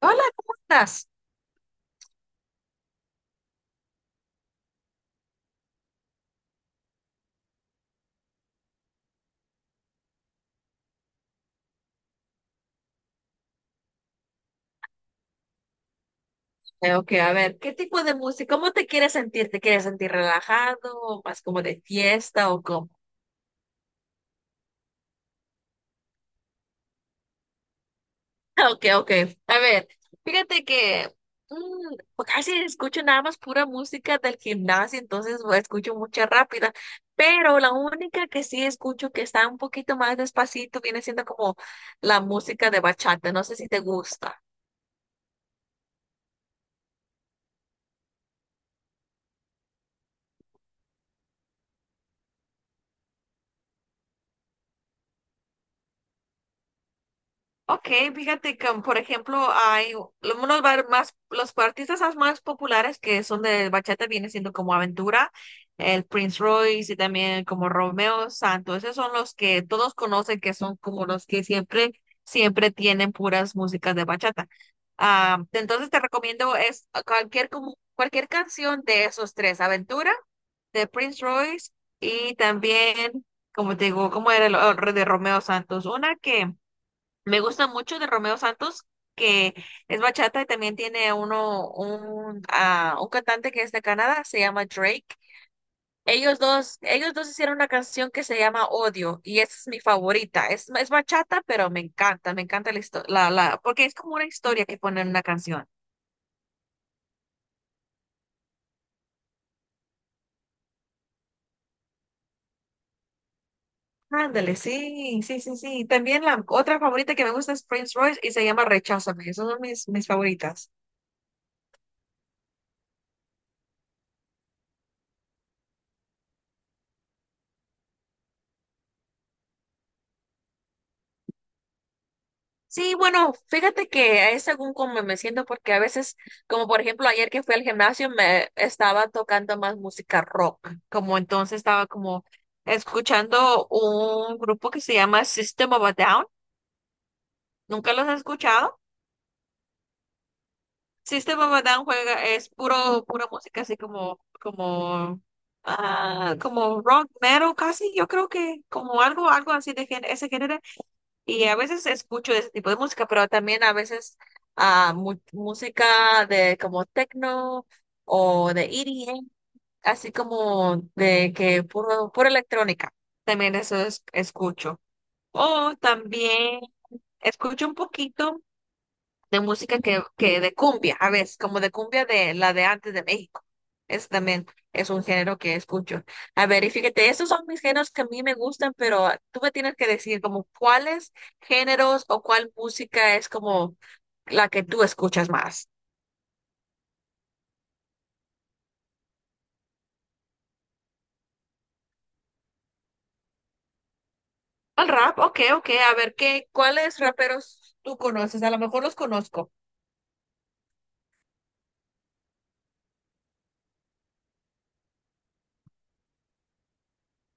Hola, ¿cómo estás? Ok, a ver, ¿qué tipo de música? ¿Cómo te quieres sentir? ¿Te quieres sentir relajado o más como de fiesta o cómo? Ok, ok. A ver, fíjate que pues casi escucho nada más pura música del gimnasio, entonces pues, escucho mucha rápida, pero la única que sí escucho que está un poquito más despacito viene siendo como la música de bachata. No sé si te gusta. Ok, fíjate que, por ejemplo, hay más, los más populares que son de bachata vienen siendo como Aventura, el Prince Royce y también como Romeo Santos. Esos son los que todos conocen que son como los que siempre, siempre tienen puras músicas de bachata. Entonces te recomiendo es cualquier, como, cualquier canción de esos tres, Aventura, de Prince Royce y también, como te digo, como era el de Romeo Santos, una que me gusta mucho de Romeo Santos, que es bachata y también tiene uno, un cantante que es de Canadá, se llama Drake. Ellos dos hicieron una canción que se llama Odio y esa es mi favorita. Es bachata, pero me encanta la histo- la, porque es como una historia que ponen en una canción. Ándale, sí, sí, sí, sí. También la otra favorita que me gusta es Prince Royce y se llama Recházame. Esas son mis, mis favoritas. Sí, bueno, fíjate que es según cómo me siento, porque a veces, como por ejemplo ayer que fui al gimnasio, me estaba tocando más música rock, como entonces estaba como escuchando un grupo que se llama System of a Down. ¿Nunca los has escuchado? System of a Down juega, es puro, pura música así como, como, como rock metal casi, yo creo que como algo, algo así ese género. Y a veces escucho ese tipo de música, pero también a veces música de como techno o de EDM, así como de que puro, pura electrónica. Escucho. O también escucho un poquito de música que de cumbia, a veces, como de cumbia de la de antes de México. Es también es un género que escucho. A ver, y fíjate, estos son mis géneros que a mí me gustan, pero tú me tienes que decir como cuáles géneros o cuál música es como la que tú escuchas más. El rap, ok, ok. A ver, ¿qué, cuáles raperos tú conoces? A lo mejor los conozco.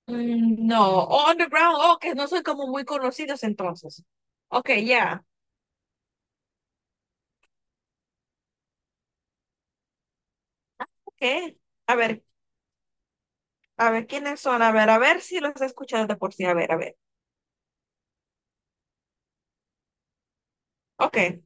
No, oh, underground, oh, que no soy como muy conocidos entonces. Ok, ya, ok. A ver, a ver, ¿quiénes son? A ver si los he escuchado de por sí. A ver, a ver. Ok.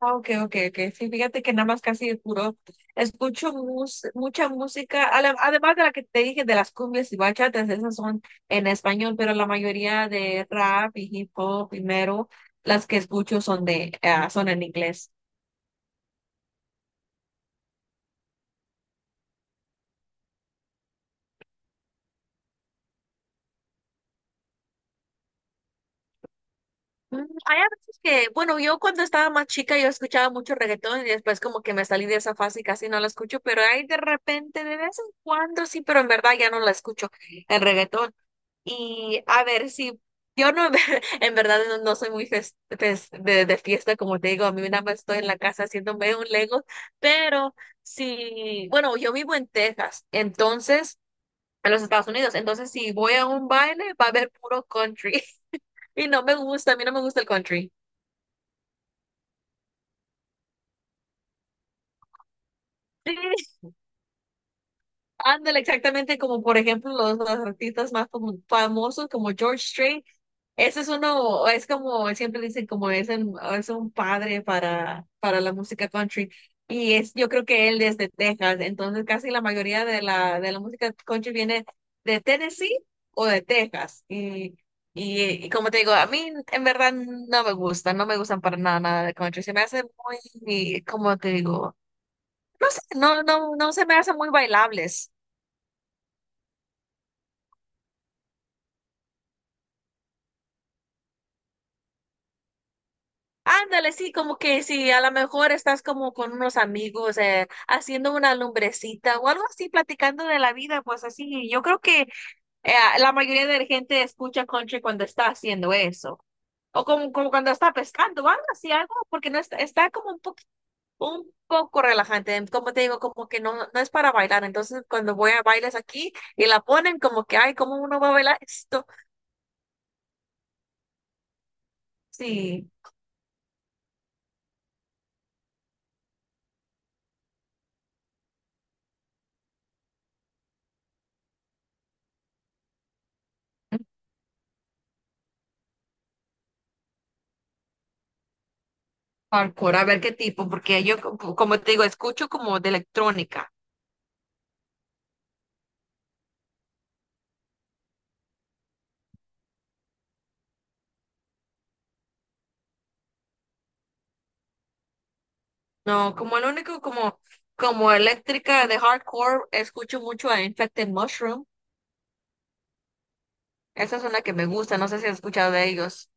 Ok, ok, ok. Sí, fíjate que nada más casi de puro. Escucho mucha música, además de la que te dije de las cumbias y bachatas, esas son en español, pero la mayoría de rap y hip hop primero, las que escucho son de, son en inglés. Hay a veces que, bueno, yo cuando estaba más chica yo escuchaba mucho reggaetón y después como que me salí de esa fase y casi no la escucho, pero hay de repente, de vez en cuando sí, pero en verdad ya no la escucho, el reggaetón. Y a ver, si yo no, en verdad no, no soy muy de fiesta, como te digo, a mí nada más estoy en la casa haciéndome un Lego, pero sí, bueno, yo vivo en Texas, entonces, en los Estados Unidos, entonces si voy a un baile va a haber puro country y no me gusta, a mí no me gusta el country. Sí, ándale, exactamente como por ejemplo los artistas más famosos como George Strait. Ese es uno, es como siempre dicen, es un padre para la música country. Y es, yo creo que él es de Texas, entonces casi la mayoría de de la música country viene de Tennessee o de Texas. Y como te digo, a mí en verdad no me gusta, no me gustan para nada, nada de country. Se me hace muy, como te digo, no sé, no, no, no se me hacen muy bailables. Ándale, sí, como que si a lo mejor estás como con unos amigos haciendo una lumbrecita o algo así, platicando de la vida, pues así, yo creo que eh, la mayoría de la gente escucha country cuando está haciendo eso, o como, como cuando está pescando o algo así, algo, porque no está, está como un poco relajante, como te digo, como que no, no es para bailar, entonces cuando voy a bailes aquí y la ponen como que, ay, ¿cómo uno va a bailar esto? Sí. Hardcore, a ver qué tipo, porque yo, como te digo, escucho como de electrónica. No, como el único como, como eléctrica de hardcore, escucho mucho a Infected Mushroom. Esa es una que me gusta, no sé si has escuchado de ellos.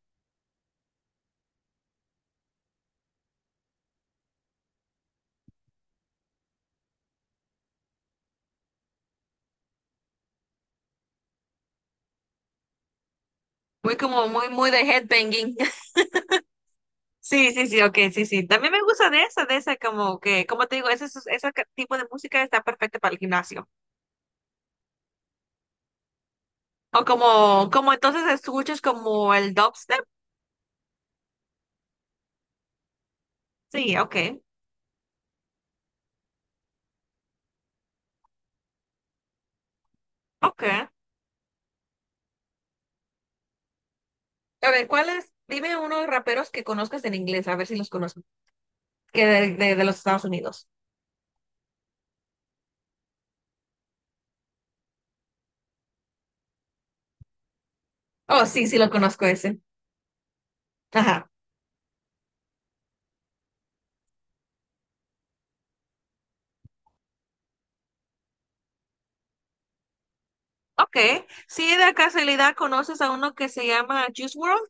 Muy como, muy, muy de headbanging. Sí, sí, sí, ok, sí, sí. También me gusta de esa, como que, como te digo, ese, tipo de música está perfecta para el gimnasio. O como, como entonces escuchas como el dubstep. Sí, ok, ok. A ver, ¿cuáles? Dime unos raperos que conozcas en inglés, a ver si los conozco, que de los Estados Unidos. Oh, sí, sí lo conozco ese. Ajá. Ok, si de casualidad conoces a uno que se llama Juice World.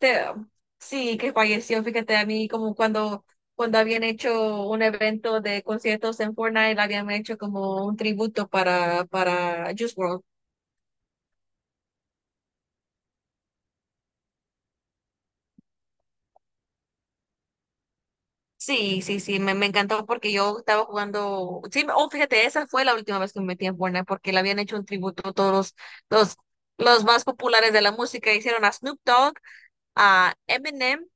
Te- sí, que falleció, fíjate, a mí como cuando, cuando habían hecho un evento de conciertos en Fortnite, habían hecho como un tributo para Juice World. Sí, sí, sí, me encantó porque yo estaba jugando, sí, oh, fíjate, esa fue la última vez que me metí en Fortnite porque le habían hecho un tributo a todos los, los más populares de la música, hicieron a Snoop Dogg, a Eminem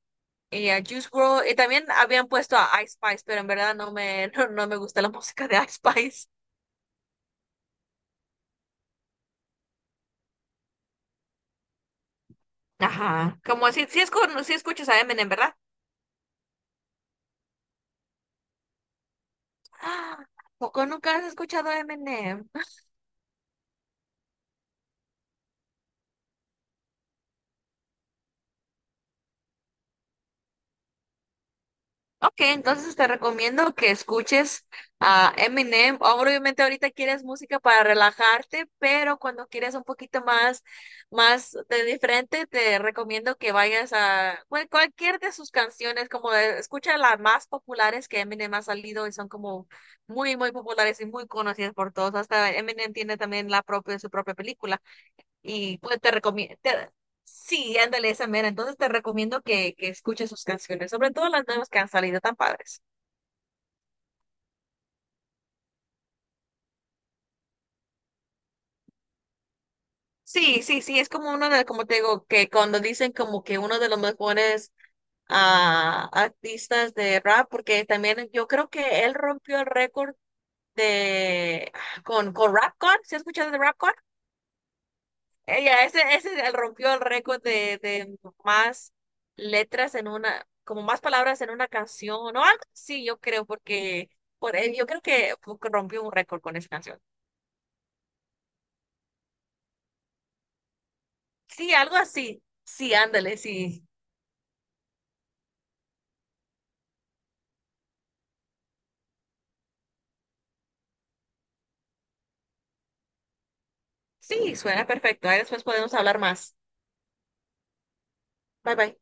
y a Juice WRLD, y también habían puesto a Ice Spice, pero en verdad no me, no, no me gusta la música de Ice Spice. Ajá. Como si, si, si escuchas a Eminem, ¿verdad? Ah, ¿Poco nunca has escuchado a Eminem? Ok, entonces te recomiendo que escuches a Eminem. Obviamente ahorita quieres música para relajarte, pero cuando quieres un poquito más, más de diferente, te recomiendo que vayas a cualquier de sus canciones, como escucha las más populares que Eminem ha salido y son como muy, muy populares y muy conocidas por todos. Hasta Eminem tiene también la propia, su propia película. Y pues te recomiendo, sí, ándale esa mera. Entonces te recomiendo que escuches sus canciones, sobre todo las nuevas que han salido tan padres. Sí, sí, sí, es como uno de, como te digo, que cuando dicen como que uno de los mejores artistas de rap, porque también yo creo que él rompió el récord de con Rapcon, ¿se ha escuchado de Rapcon? Ella, ese rompió el récord de más letras en una, como más palabras en una canción, o algo así, yo creo, porque por, yo creo que rompió un récord con esa canción. Sí, algo así. Sí, ándale, sí. Sí, suena perfecto. Ahí después podemos hablar más. Bye bye.